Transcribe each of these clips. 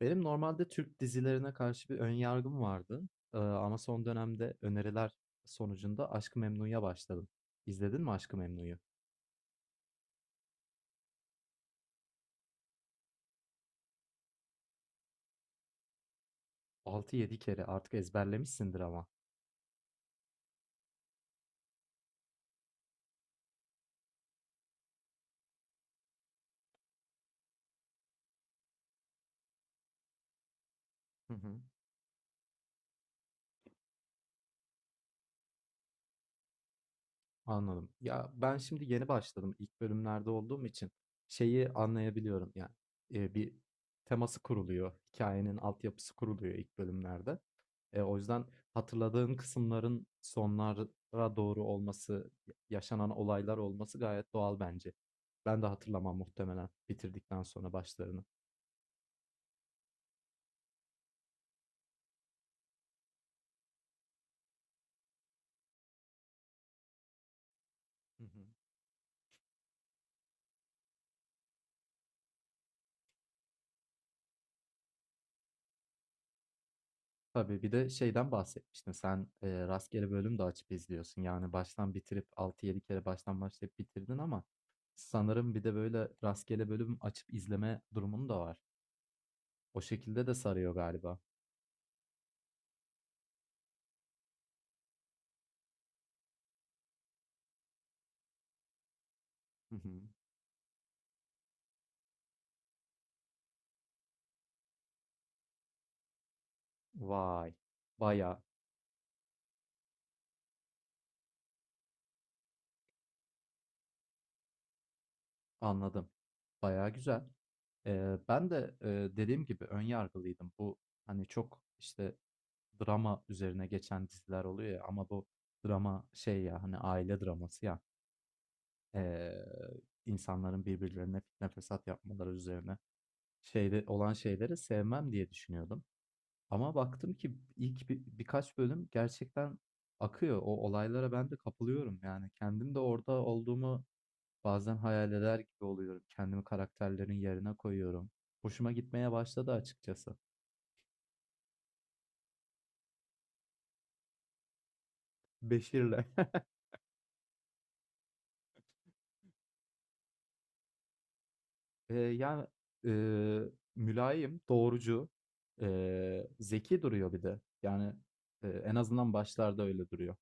Benim normalde Türk dizilerine karşı bir ön yargım vardı. Ama son dönemde öneriler sonucunda Aşk-ı Memnu'ya başladım. İzledin mi Aşk-ı Memnu'yu? 6-7 kere artık ezberlemişsindir ama. Hı hı. Anladım. Ya ben şimdi yeni başladım. İlk bölümlerde olduğum için şeyi anlayabiliyorum. Yani bir teması kuruluyor. Hikayenin altyapısı kuruluyor ilk bölümlerde. O yüzden hatırladığın kısımların sonlara doğru olması, yaşanan olaylar olması gayet doğal bence. Ben de hatırlamam muhtemelen bitirdikten sonra başlarını. Hı hı. Tabii, bir de şeyden bahsetmiştin sen, rastgele bölüm de açıp izliyorsun. Yani baştan bitirip altı yedi kere baştan başlayıp bitirdin ama sanırım bir de böyle rastgele bölüm açıp izleme durumun da var. O şekilde de sarıyor galiba. Hı hı. Vay! Baya. Anladım. Bayağı güzel. Ben de dediğim gibi ön yargılıydım. Bu hani çok işte drama üzerine geçen diziler oluyor ya ama bu drama şey ya hani aile draması ya. Eee, insanların birbirlerine fitne fesat yapmaları üzerine şeyde olan şeyleri sevmem diye düşünüyordum. Ama baktım ki ilk birkaç bölüm gerçekten akıyor. O olaylara ben de kapılıyorum yani kendim de orada olduğumu. Bazen hayal eder gibi oluyorum. Kendimi karakterlerin yerine koyuyorum. Hoşuma gitmeye başladı açıkçası. Beşir'le. Yani eee, mülayim, doğrucu, zeki duruyor bir de. Yani en azından başlarda öyle duruyor.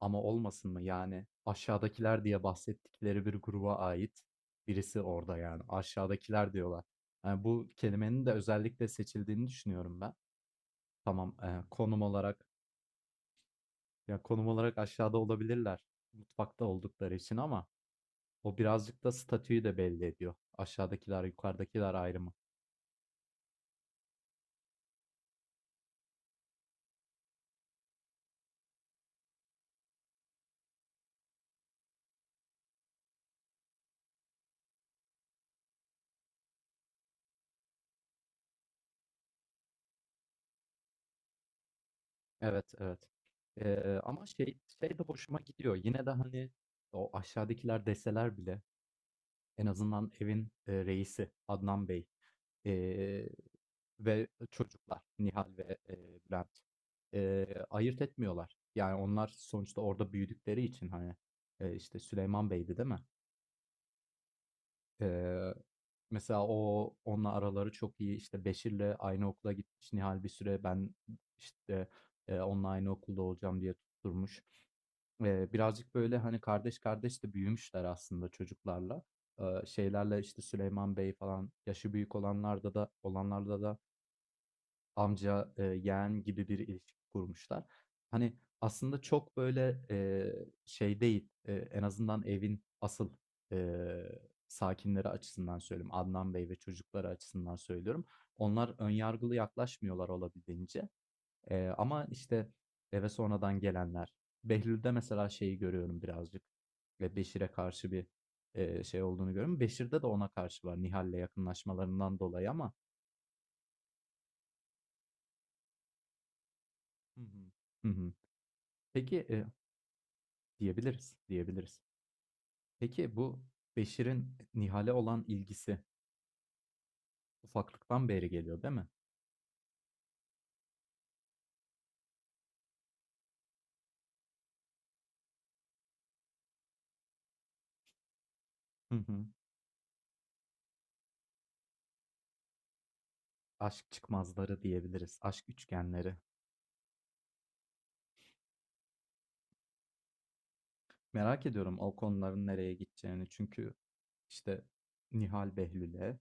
Ama olmasın mı yani aşağıdakiler diye bahsettikleri bir gruba ait birisi orada, yani aşağıdakiler diyorlar. Yani bu kelimenin de özellikle seçildiğini düşünüyorum ben. Tamam, konum olarak. Ya konum olarak aşağıda olabilirler. Mutfakta oldukları için ama o birazcık da statüyü de belli ediyor. Aşağıdakiler, yukarıdakiler ayrımı. Evet, evet. Ama şey de hoşuma gidiyor. Yine de hani o aşağıdakiler deseler bile en azından evin reisi Adnan Bey ee, ve çocuklar Nihal ve Bülent ayırt etmiyorlar. Yani onlar sonuçta orada büyüdükleri için hani işte Süleyman Bey'di değil mi? Eee, Mesela o onunla araları çok iyi. İşte Beşir'le aynı okula gitmiş. Nihal bir süre ben işte, onunla aynı okulda olacağım diye tutturmuş. Birazcık böyle hani kardeş kardeş de büyümüşler aslında çocuklarla. Şeylerle işte Süleyman Bey falan yaşı büyük olanlarda da olanlarda da amca, yeğen gibi bir ilişki kurmuşlar. Hani, aslında çok böyle, şey değil, en azından evin asıl, eee, sakinleri açısından söylüyorum. Adnan Bey ve çocukları açısından söylüyorum. Onlar önyargılı yaklaşmıyorlar olabildiğince. Ama, işte, eve sonradan gelenler. Behlül'de mesela şeyi görüyorum birazcık, ve Beşir'e karşı bir, şey olduğunu görüyorum. Beşir'de de ona karşı var Nihal'le yakınlaşmalarından dolayı ama. Hı hı. Hı hı. Peki, diyebiliriz, diyebiliriz. Peki bu Beşir'in Nihal'e olan ilgisi ufaklıktan beri geliyor, değil mi? Hı hı. Aşk çıkmazları diyebiliriz, aşk üçgenleri. Merak ediyorum o konuların nereye gideceğini. Çünkü işte Nihal Behlül'e,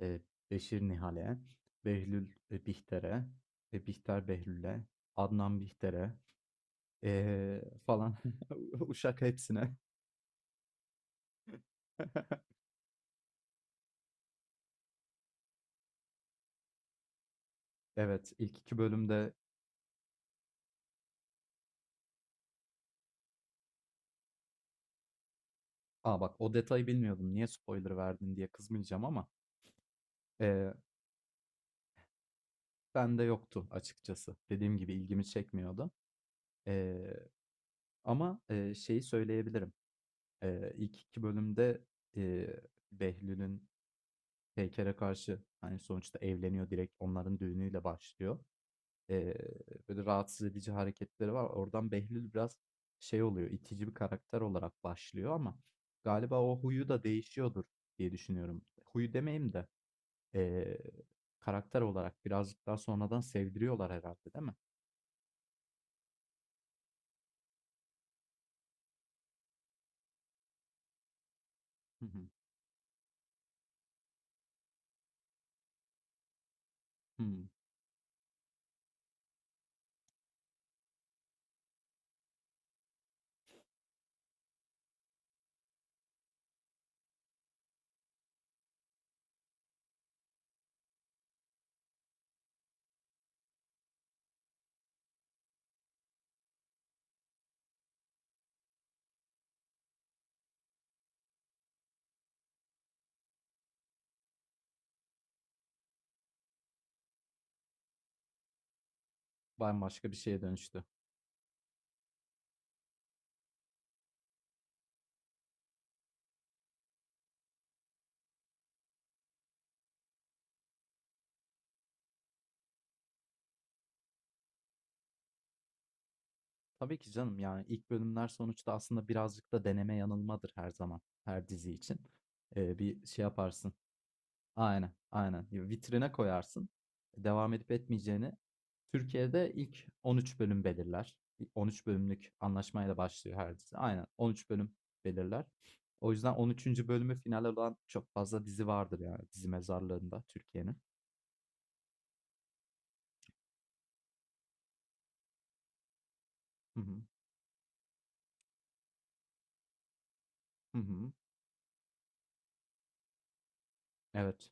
e, Beşir Nihal'e, Behlül Bihter'e, Bihter Behlül'e, Adnan Bihter'e, falan. Uşak hepsine. Evet, ilk iki bölümde. Aa, bak, o detayı bilmiyordum. Niye spoiler verdin diye kızmayacağım ama eee bende yoktu açıkçası. Dediğim gibi ilgimi çekmiyordu. Eee, Ama şeyi söyleyebilirim. İlk iki bölümde eee Behlül'ün Peyker'e karşı hani sonuçta evleniyor, direkt onların düğünüyle başlıyor. Eee, Böyle rahatsız edici hareketleri var. Oradan Behlül biraz şey oluyor, itici bir karakter olarak başlıyor ama galiba o huyu da değişiyordur diye düşünüyorum. Huyu demeyeyim de eee, karakter olarak birazcık daha sonradan sevdiriyorlar herhalde değil mi? Hı hı. Hımm. Bambaşka bir şeye dönüştü. Tabii ki canım, yani, ilk bölümler sonuçta aslında birazcık da deneme yanılmadır her zaman, her dizi için. Bir şey yaparsın. Aynen, aynen. Ya vitrine koyarsın. Devam edip etmeyeceğini. Türkiye'de ilk 13 bölüm belirler. İlk 13 bölümlük anlaşmayla başlıyor her dizi. Aynen 13 bölüm belirler. O yüzden 13. bölümü final olan çok fazla dizi vardır yani dizi mezarlığında Türkiye'nin. Hı hı, hı hı. Evet.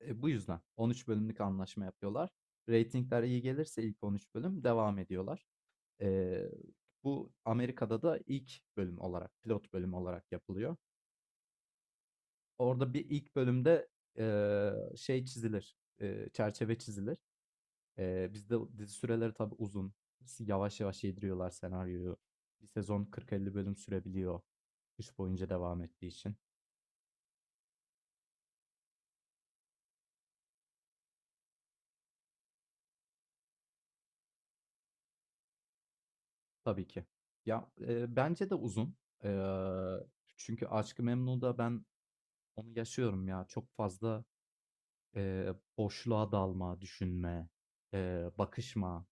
E, bu yüzden 13 bölümlük anlaşma yapıyorlar. Ratingler iyi gelirse ilk 13 bölüm devam ediyorlar. E, bu Amerika'da da ilk bölüm olarak, pilot bölüm olarak yapılıyor. Orada bir ilk bölümde, şey çizilir, çerçeve çizilir. Bizde dizi süreleri tabii uzun. Yavaş yavaş yediriyorlar senaryoyu. Bir sezon 40-50 bölüm sürebiliyor kış boyunca devam ettiği için. Tabii ki. Ya, bence de uzun. Eee, Çünkü Aşk-ı Memnu'da ben onu yaşıyorum ya. Çok fazla, boşluğa dalma, düşünme, bakışma,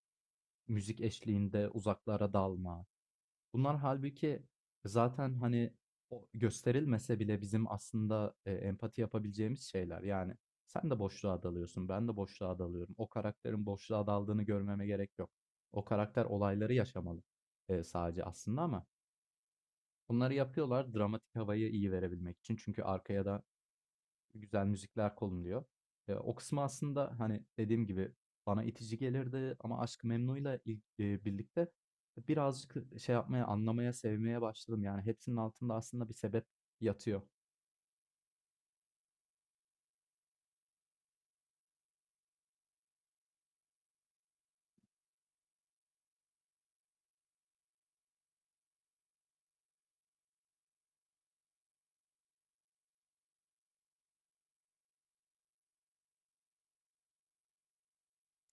müzik eşliğinde uzaklara dalma. Bunlar halbuki zaten, hani, o gösterilmese bile bizim aslında, empati yapabileceğimiz şeyler. Yani sen de boşluğa dalıyorsun, ben de boşluğa dalıyorum. O karakterin boşluğa daldığını görmeme gerek yok. O karakter olayları yaşamalı, sadece aslında ama bunları yapıyorlar dramatik havayı iyi verebilmek için. Çünkü arkaya da güzel müzikler kolumluyor. E, o kısmı aslında hani dediğim gibi bana itici gelirdi ama Aşk-ı Memnu'yla birlikte birazcık şey yapmaya, anlamaya, sevmeye başladım. Yani hepsinin altında aslında bir sebep yatıyor.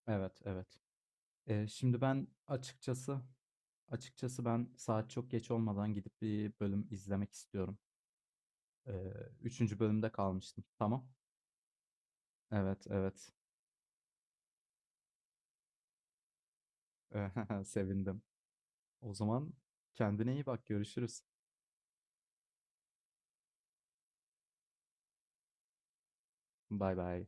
Evet, evet. E, şimdi ben açıkçası ben saat çok geç olmadan gidip bir bölüm izlemek istiyorum. E, üçüncü bölümde kalmıştım. Tamam. Evet, evet. Sevindim. O zaman kendine iyi bak. Görüşürüz. Bay bay.